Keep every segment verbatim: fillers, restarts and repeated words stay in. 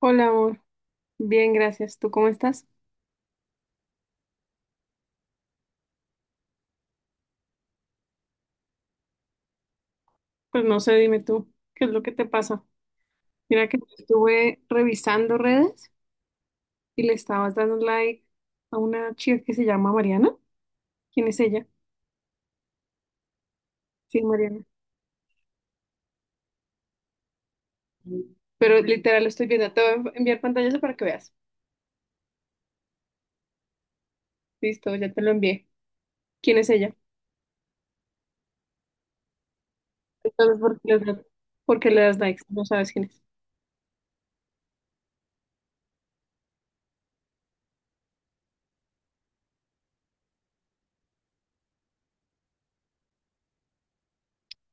Hola, amor. Bien, gracias. ¿Tú cómo estás? Pues no sé, dime tú, ¿qué es lo que te pasa? Mira que estuve revisando redes y le estabas dando like a una chica que se llama Mariana. ¿Quién es ella? Sí, Mariana. Pero literal lo estoy viendo. Te voy a enviar pantallas para que veas. Listo, ya te lo envié. ¿Quién es ella? Entonces, ¿por qué le das, por qué le das likes? No sabes quién es.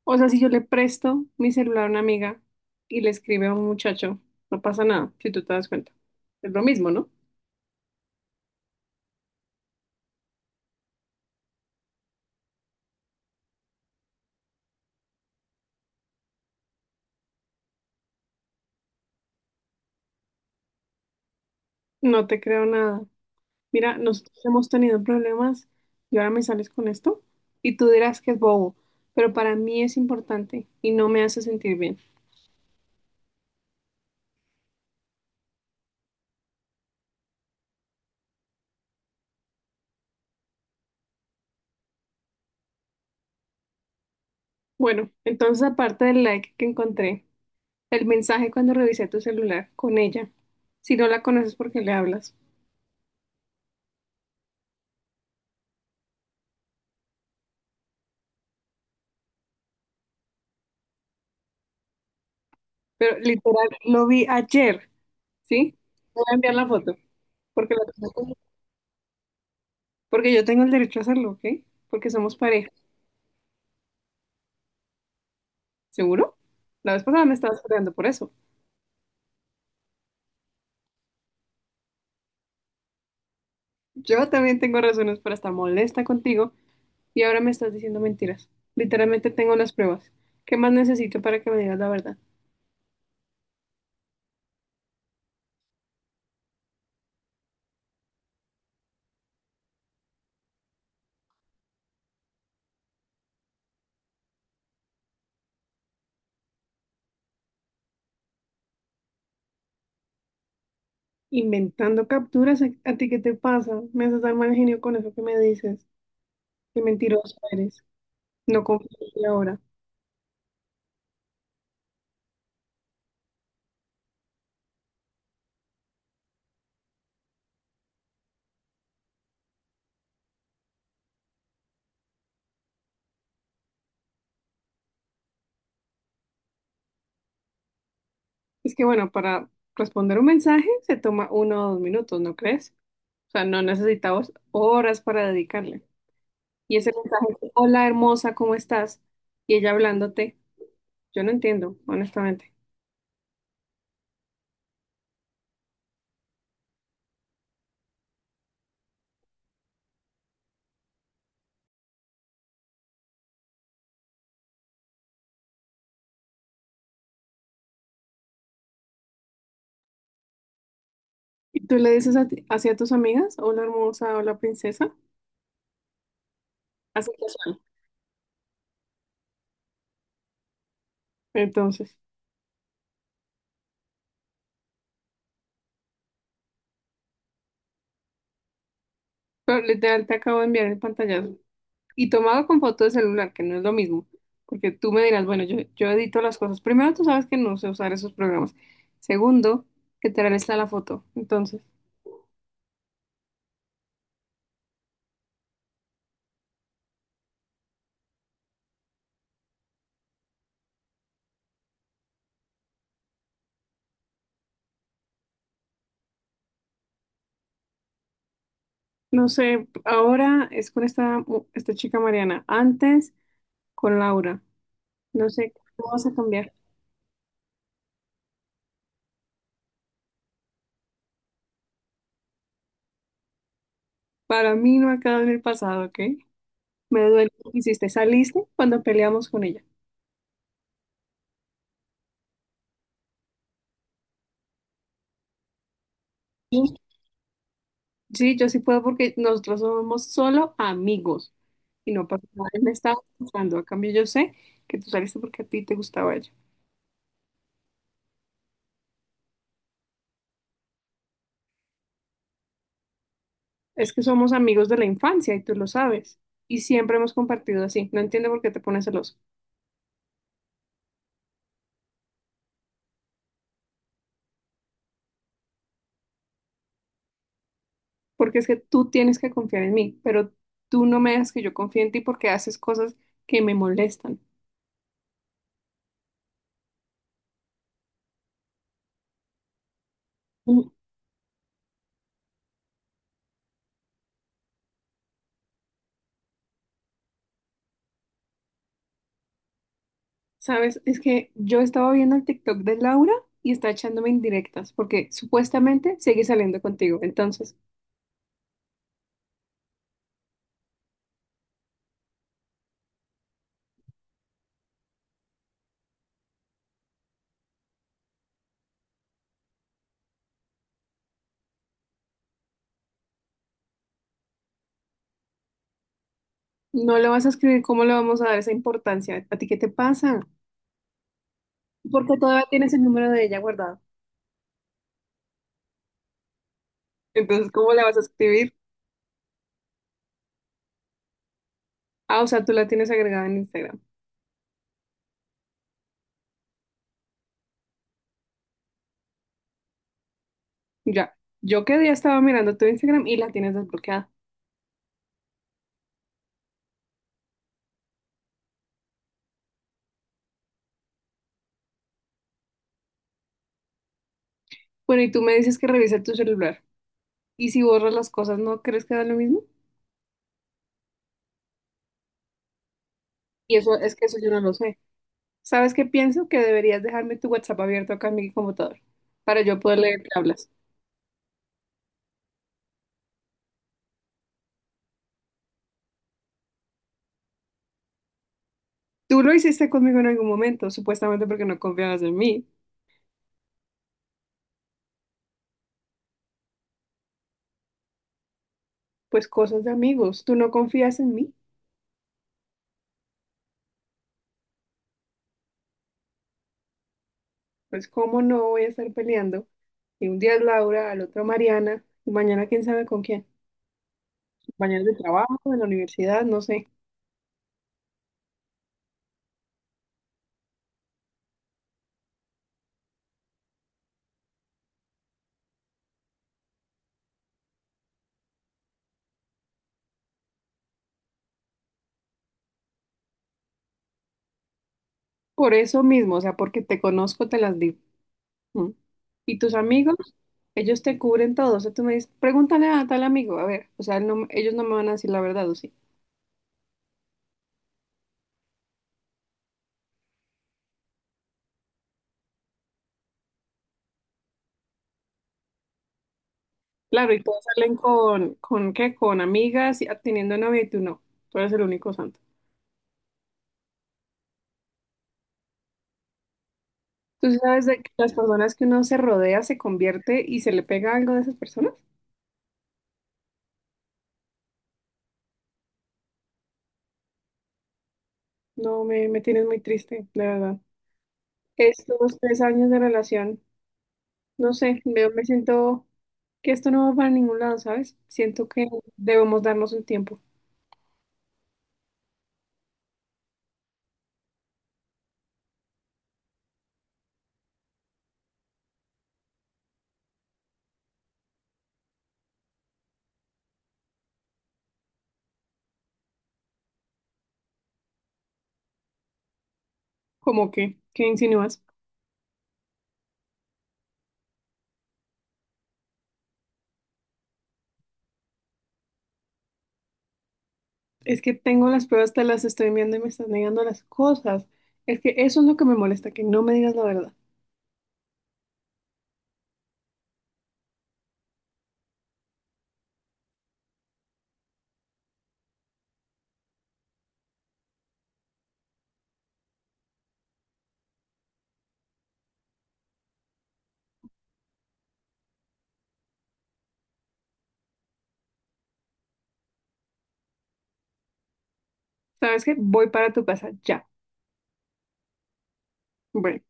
O sea, si yo le presto mi celular a una amiga y le escribe a un muchacho, no pasa nada, si tú te das cuenta. Es lo mismo, ¿no? No te creo nada. Mira, nosotros hemos tenido problemas y ahora me sales con esto y tú dirás que es bobo, pero para mí es importante y no me hace sentir bien. Bueno, entonces aparte del like que encontré, el mensaje cuando revisé tu celular con ella, si no la conoces porque le hablas, pero literal lo vi ayer, ¿sí? Te voy a enviar la foto porque, la porque yo tengo el derecho a hacerlo, ¿ok? Porque somos pareja, ¿seguro? La vez pasada me estabas peleando por eso. Yo también tengo razones para estar molesta contigo. Y ahora me estás diciendo mentiras. Literalmente tengo las pruebas. ¿Qué más necesito para que me digas la verdad? Inventando capturas, ¿a, a ti qué te pasa? Me haces dar mal genio con eso que me dices. Qué mentiroso eres. No confío en ti ahora. Es que bueno, para responder un mensaje se toma uno o dos minutos, ¿no crees? O sea, no necesitamos horas para dedicarle. Y ese mensaje, hola hermosa, ¿cómo estás? Y ella hablándote, yo no entiendo, honestamente. ¿Y tú le dices a ti- así a tus amigas, hola hermosa, hola princesa? Así casual. Entonces, pero literal te acabo de enviar el pantallazo. Y tomado con foto de celular, que no es lo mismo. Porque tú me dirás, bueno, yo, yo edito las cosas. Primero, tú sabes que no sé usar esos programas. Segundo, que tal está la foto. Entonces, no sé, ahora es con esta, mu- esta chica Mariana. Antes, con Laura. No sé, ¿cómo vas a cambiar? Para mí no ha quedado en el pasado, ¿ok? Me duele lo que hiciste. Saliste cuando peleamos con ella. Sí, yo sí puedo porque nosotros somos solo amigos y no pasa nada. Él me estaba gustando. A cambio, yo sé que tú saliste porque a ti te gustaba ella. Es que somos amigos de la infancia y tú lo sabes. Y siempre hemos compartido así. No entiendo por qué te pones celoso. Porque es que tú tienes que confiar en mí, pero tú no me dejas que yo confíe en ti porque haces cosas que me molestan. Mm, ¿sabes? Es que yo estaba viendo el TikTok de Laura y está echándome indirectas porque supuestamente sigue saliendo contigo. Entonces. No le vas a escribir, ¿cómo le vamos a dar esa importancia? ¿A ti qué te pasa? Porque todavía tienes el número de ella guardado. Entonces, ¿cómo le vas a escribir? Ah, o sea, tú la tienes agregada en Instagram. Ya. Yo que día estaba mirando tu Instagram y la tienes desbloqueada. Bueno, y tú me dices que revise tu celular. Y si borras las cosas, ¿no crees que da lo mismo? Y eso es que eso yo no lo sé. ¿Sabes qué pienso? Que deberías dejarme tu WhatsApp abierto acá en mi computador para yo poder leer qué hablas. Tú lo hiciste conmigo en algún momento, supuestamente porque no confiabas en mí. Pues cosas de amigos, tú no confías en mí, pues cómo no voy a estar peleando. Y un día es Laura, al otro Mariana, y mañana quién sabe con quién. Compañeros de trabajo, de la universidad, no sé. Por eso mismo, o sea, porque te conozco, te las digo. ¿Mm? Y tus amigos, ellos te cubren todo. O sea, tú me dices, pregúntale a tal amigo, a ver, o sea, no- ellos no me van a decir la verdad, ¿o sí? Claro, y todos salen con, ¿con qué? Con amigas, y- teniendo novia y tú no. Tú eres el único santo. ¿Tú sabes de que las personas que uno se rodea se convierte y se le pega algo de esas personas? No, me, me tienes muy triste, de verdad. Estos tres años de relación, no sé, me, me siento que esto no va para ningún lado, ¿sabes? Siento que debemos darnos un tiempo. ¿Cómo que? ¿Qué insinúas? Es que tengo las pruebas, te las estoy enviando y me estás negando las cosas. Es que eso es lo que me molesta, que no me digas la verdad. ¿Sabes qué? Voy para tu casa ya. Bueno.